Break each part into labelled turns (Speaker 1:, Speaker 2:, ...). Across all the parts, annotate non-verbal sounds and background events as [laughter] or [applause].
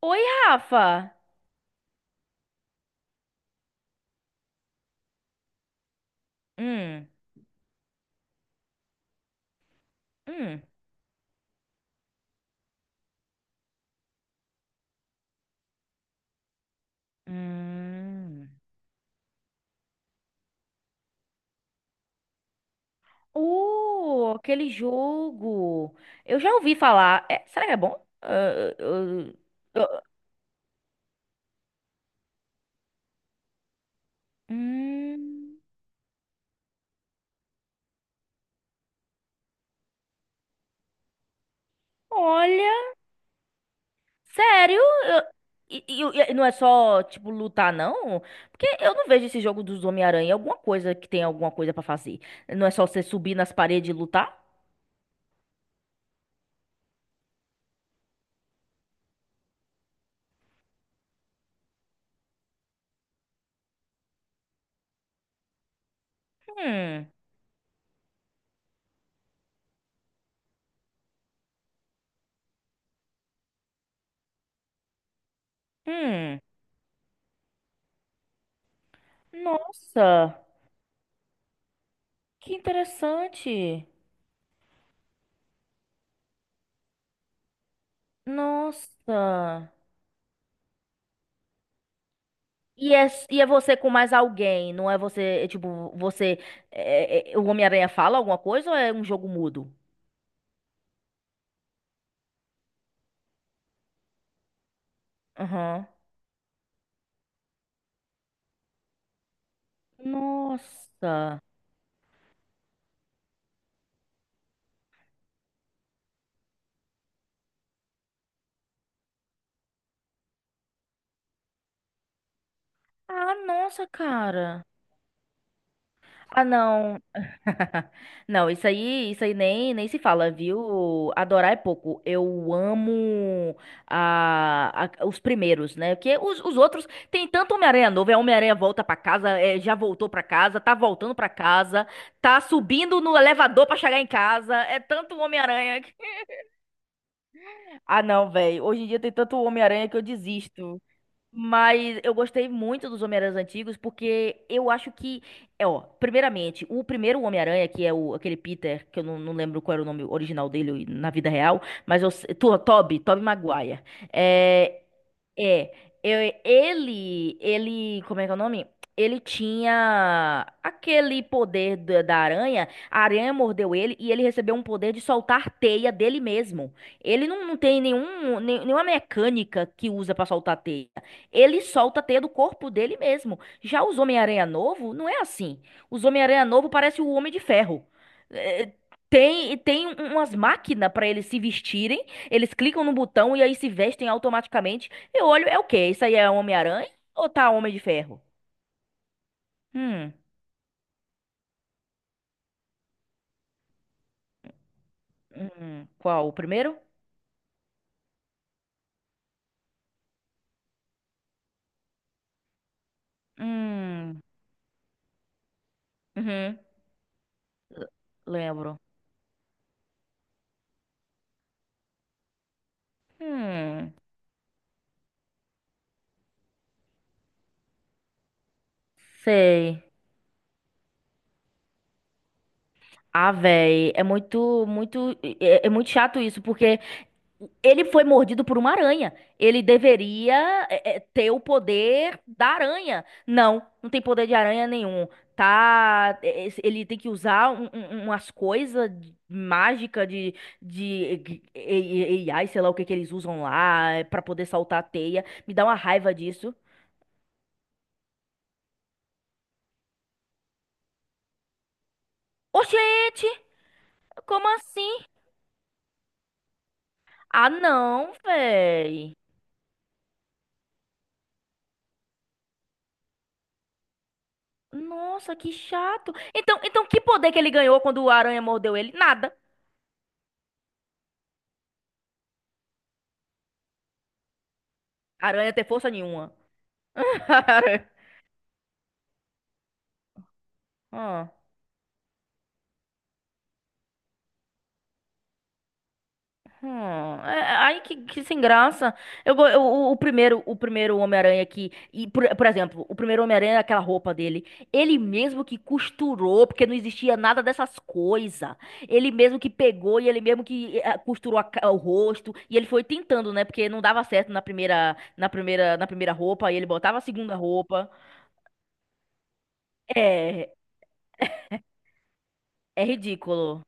Speaker 1: Oi, Rafa. Hum, hum, hum. Aquele jogo. Eu já ouvi falar. É, será que é bom? Ah, ah, ah, ah. hum, Olha, sério? Eu- E, e não é só, tipo, lutar, não? Porque eu não vejo esse jogo dos Homem-Aranha. Alguma coisa que tem alguma coisa pra fazer. Não é só você subir nas paredes e lutar? Hum, hum. Nossa, que interessante. Nossa. E é você com mais alguém, não é você, é tipo, você. É, o Homem-Aranha fala alguma coisa ou é um jogo mudo? Aham. Nossa. Ah, nossa, cara. Ah, não. [laughs] Não, isso aí nem se fala, viu? Adorar é pouco. Eu amo os primeiros, né? Porque os outros tem tanto Homem-Aranha novo, é Homem-Aranha volta pra casa, é, já voltou pra casa, tá voltando pra casa, tá subindo no elevador pra chegar em casa, é tanto Homem-Aranha. [laughs] Ah, não, velho. Hoje em dia tem tanto Homem-Aranha que eu desisto. Mas eu gostei muito dos Homem-Aranhas antigos porque eu acho que, é, ó, primeiramente, o primeiro Homem-Aranha, que é o, aquele Peter, que eu não, não lembro qual era o nome original dele na vida real, mas eu sei, Tobey Maguire. É, é, eu- ele, ele, como é que é o nome? Ele tinha aquele poder da aranha, a aranha mordeu ele e ele recebeu um poder de soltar teia dele mesmo. Ele não, não tem nenhum, nenhuma mecânica que usa pra soltar teia. Ele solta a teia do corpo dele mesmo. Já os Homem-Aranha novo, não é assim. Os Homem-Aranha novo parece o Homem de Ferro. É, tem, tem um, umas máquinas pra eles se vestirem, eles clicam no botão e aí se vestem automaticamente. Eu olho, é o quê? Isso aí é Homem-Aranha ou tá Homem de Ferro? Hum, hum, qual? O primeiro? Hum, uhum, lembro. Hum, Sei. Ah, véi, é muito, muito, é, é muito chato isso, porque ele foi mordido por uma aranha. Ele deveria é, é, ter o poder da aranha. Não, não tem poder de aranha nenhum. Tá, é, é, ele tem que usar um, umas coisas mágicas de AI, sei lá o que que eles usam lá, é, pra poder saltar a teia. Me dá uma raiva disso. Oxente, como assim? Ah, não, véi. Nossa, que chato. Então, então que poder que ele ganhou quando a aranha mordeu ele? Nada. A aranha tem força nenhuma. [laughs] Hum, É, ai, que sem graça. O, o primeiro Homem-Aranha aqui, e por exemplo, o primeiro Homem-Aranha, é aquela roupa dele, ele mesmo que costurou, porque não existia nada dessas coisas. Ele mesmo que pegou e ele mesmo que costurou a o rosto, e ele foi tentando, né? Porque não dava certo na primeira, na primeira roupa, e ele botava a segunda roupa. É, é ridículo.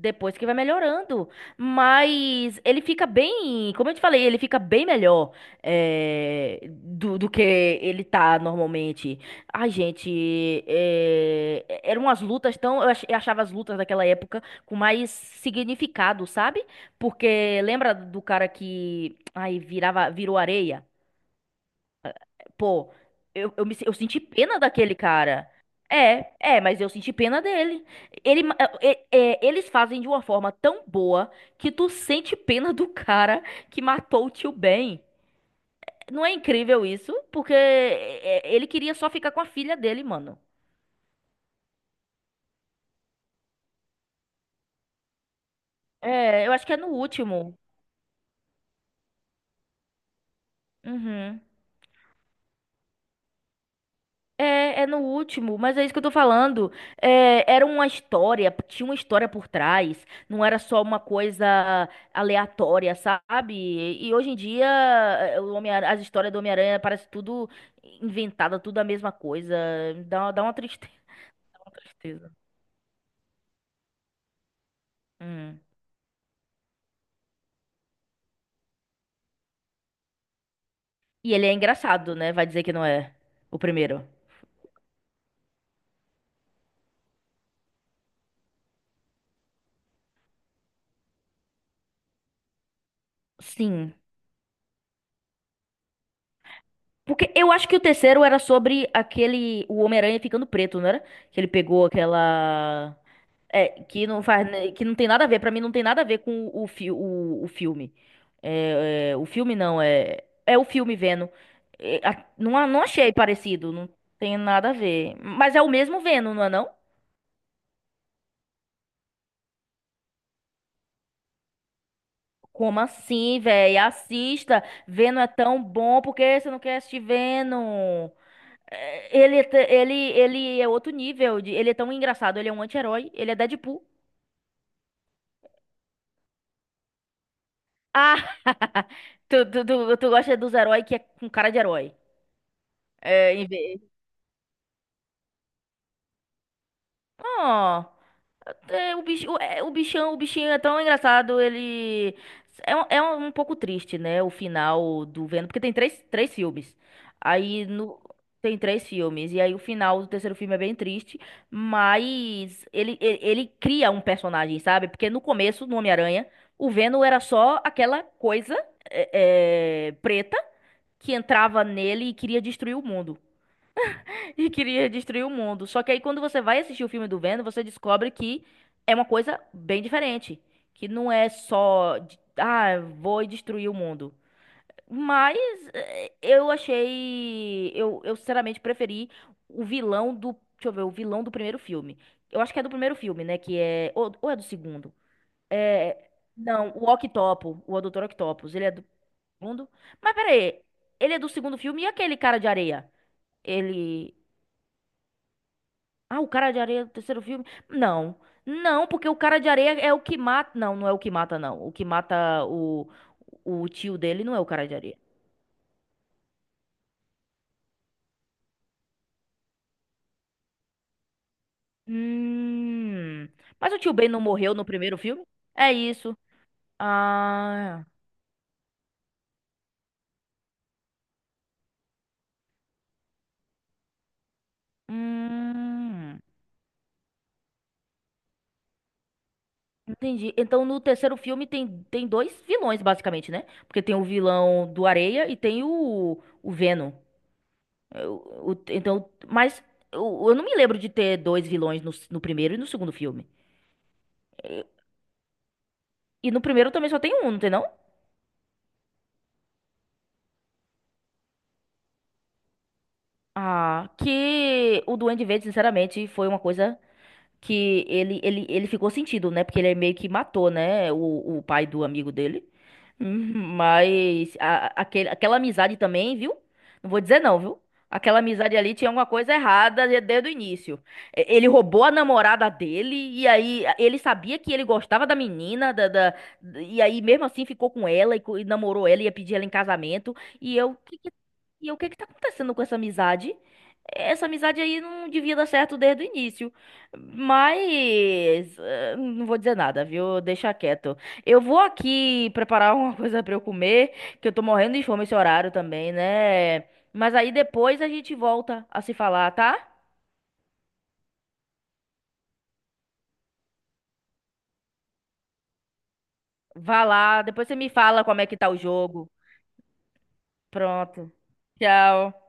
Speaker 1: Depois que vai melhorando. Mas ele fica bem. Como eu te falei, ele fica bem melhor do, do que ele tá normalmente. Ai, gente. Eram umas lutas tão. Eu achava as lutas daquela época com mais significado, sabe? Porque lembra do cara que. Ai, virava, virou areia? Pô, eu senti pena daquele cara. É, é, mas eu senti pena dele. É, é, é, eles fazem de uma forma tão boa que tu sente pena do cara que matou o tio Ben. Não é incrível isso? Porque é, é, ele queria só ficar com a filha dele, mano. É, eu acho que é no último. Uhum. É, é no último, mas é isso que eu tô falando. É, era uma história, tinha uma história por trás, não era só uma coisa aleatória, sabe? E hoje em dia, é, o Homem, as histórias do Homem-Aranha parece tudo inventada, tudo a mesma coisa. Dá, dá uma tristeza, [laughs] dá uma tristeza. Hum. E ele é engraçado, né? Vai dizer que não é o primeiro. Sim. Porque eu acho que o terceiro era sobre aquele, o Homem-Aranha ficando preto, não era? Que ele pegou aquela é, que não faz, que não tem nada a ver, pra mim não tem nada a ver com o, fi, o filme. É, é, o filme não, é, é o filme Venom. É, não, não achei parecido, não tem nada a ver. Mas é o mesmo Venom, não é não? Como assim, véi? Assista, Venom é tão bom, por que você não quer assistir Venom? É, ele, ele, ele é outro nível, ele é tão engraçado, ele é um anti-herói, ele é Deadpool. Ah, [laughs] tu gosta dos heróis que é com cara de herói. É, em vez- Ó, é, o bicho, é, o bichão, o bichinho é tão engraçado, ele é, é um pouco triste, né, o final do Venom, porque tem três, três filmes. Aí no tem três filmes e aí o final do terceiro filme é bem triste, mas ele cria um personagem, sabe? Porque no começo, no Homem-Aranha, o Venom era só aquela coisa é, é, preta que entrava nele e queria destruir o mundo. E queria destruir o mundo. Só que aí quando você vai assistir o filme do Venom, você descobre que é uma coisa bem diferente. Que não é só, ah, vou destruir o mundo. Mas eu achei. Eu sinceramente preferi o vilão do. Deixa eu ver, o vilão do primeiro filme. Eu acho que é do primeiro filme, né? Que é. Ou é do segundo? É. Não, o Octopo, o Dr. Octopus. Ele é do segundo. Mas peraí, ele é do segundo filme e aquele cara de areia? Ele. Ah, o Cara de Areia do terceiro filme? Não. Não, porque o Cara de Areia é o que mata. Não, não é o que mata, não. O que mata o tio dele não é o Cara de Areia. Hum. Mas o tio Ben não morreu no primeiro filme? É isso. Ah. Hum. Entendi. Então no terceiro filme tem, tem dois vilões, basicamente, né? Porque tem o vilão do Areia e tem o Venom. Eu- então, mas eu, eu não me lembro de ter dois vilões no, no primeiro e no segundo filme. E no primeiro também só tem um, não tem não? Ah, que o Duende Verde, sinceramente, foi uma coisa. Que ele, ele ficou sentido, né? Porque ele meio que matou, né? O pai do amigo dele. Mas aquele, aquela amizade também, viu? Não vou dizer não, viu? Aquela amizade ali tinha alguma coisa errada desde o início. Ele roubou a namorada dele, e aí ele sabia que ele gostava da menina, da- e aí mesmo assim ficou com ela e, e namorou ela, ia pedir ela em casamento. E eu, que que- e eu, o que que tá acontecendo com essa amizade? Essa amizade aí não devia dar certo desde o início. Mas não vou dizer nada, viu? Deixa quieto. Eu vou aqui preparar alguma [laughs] coisa pra eu comer, que eu tô morrendo de fome esse horário também, né? Mas aí depois a gente volta a se falar, tá? Vá lá, depois você me fala como é que tá o jogo. Pronto. Tchau.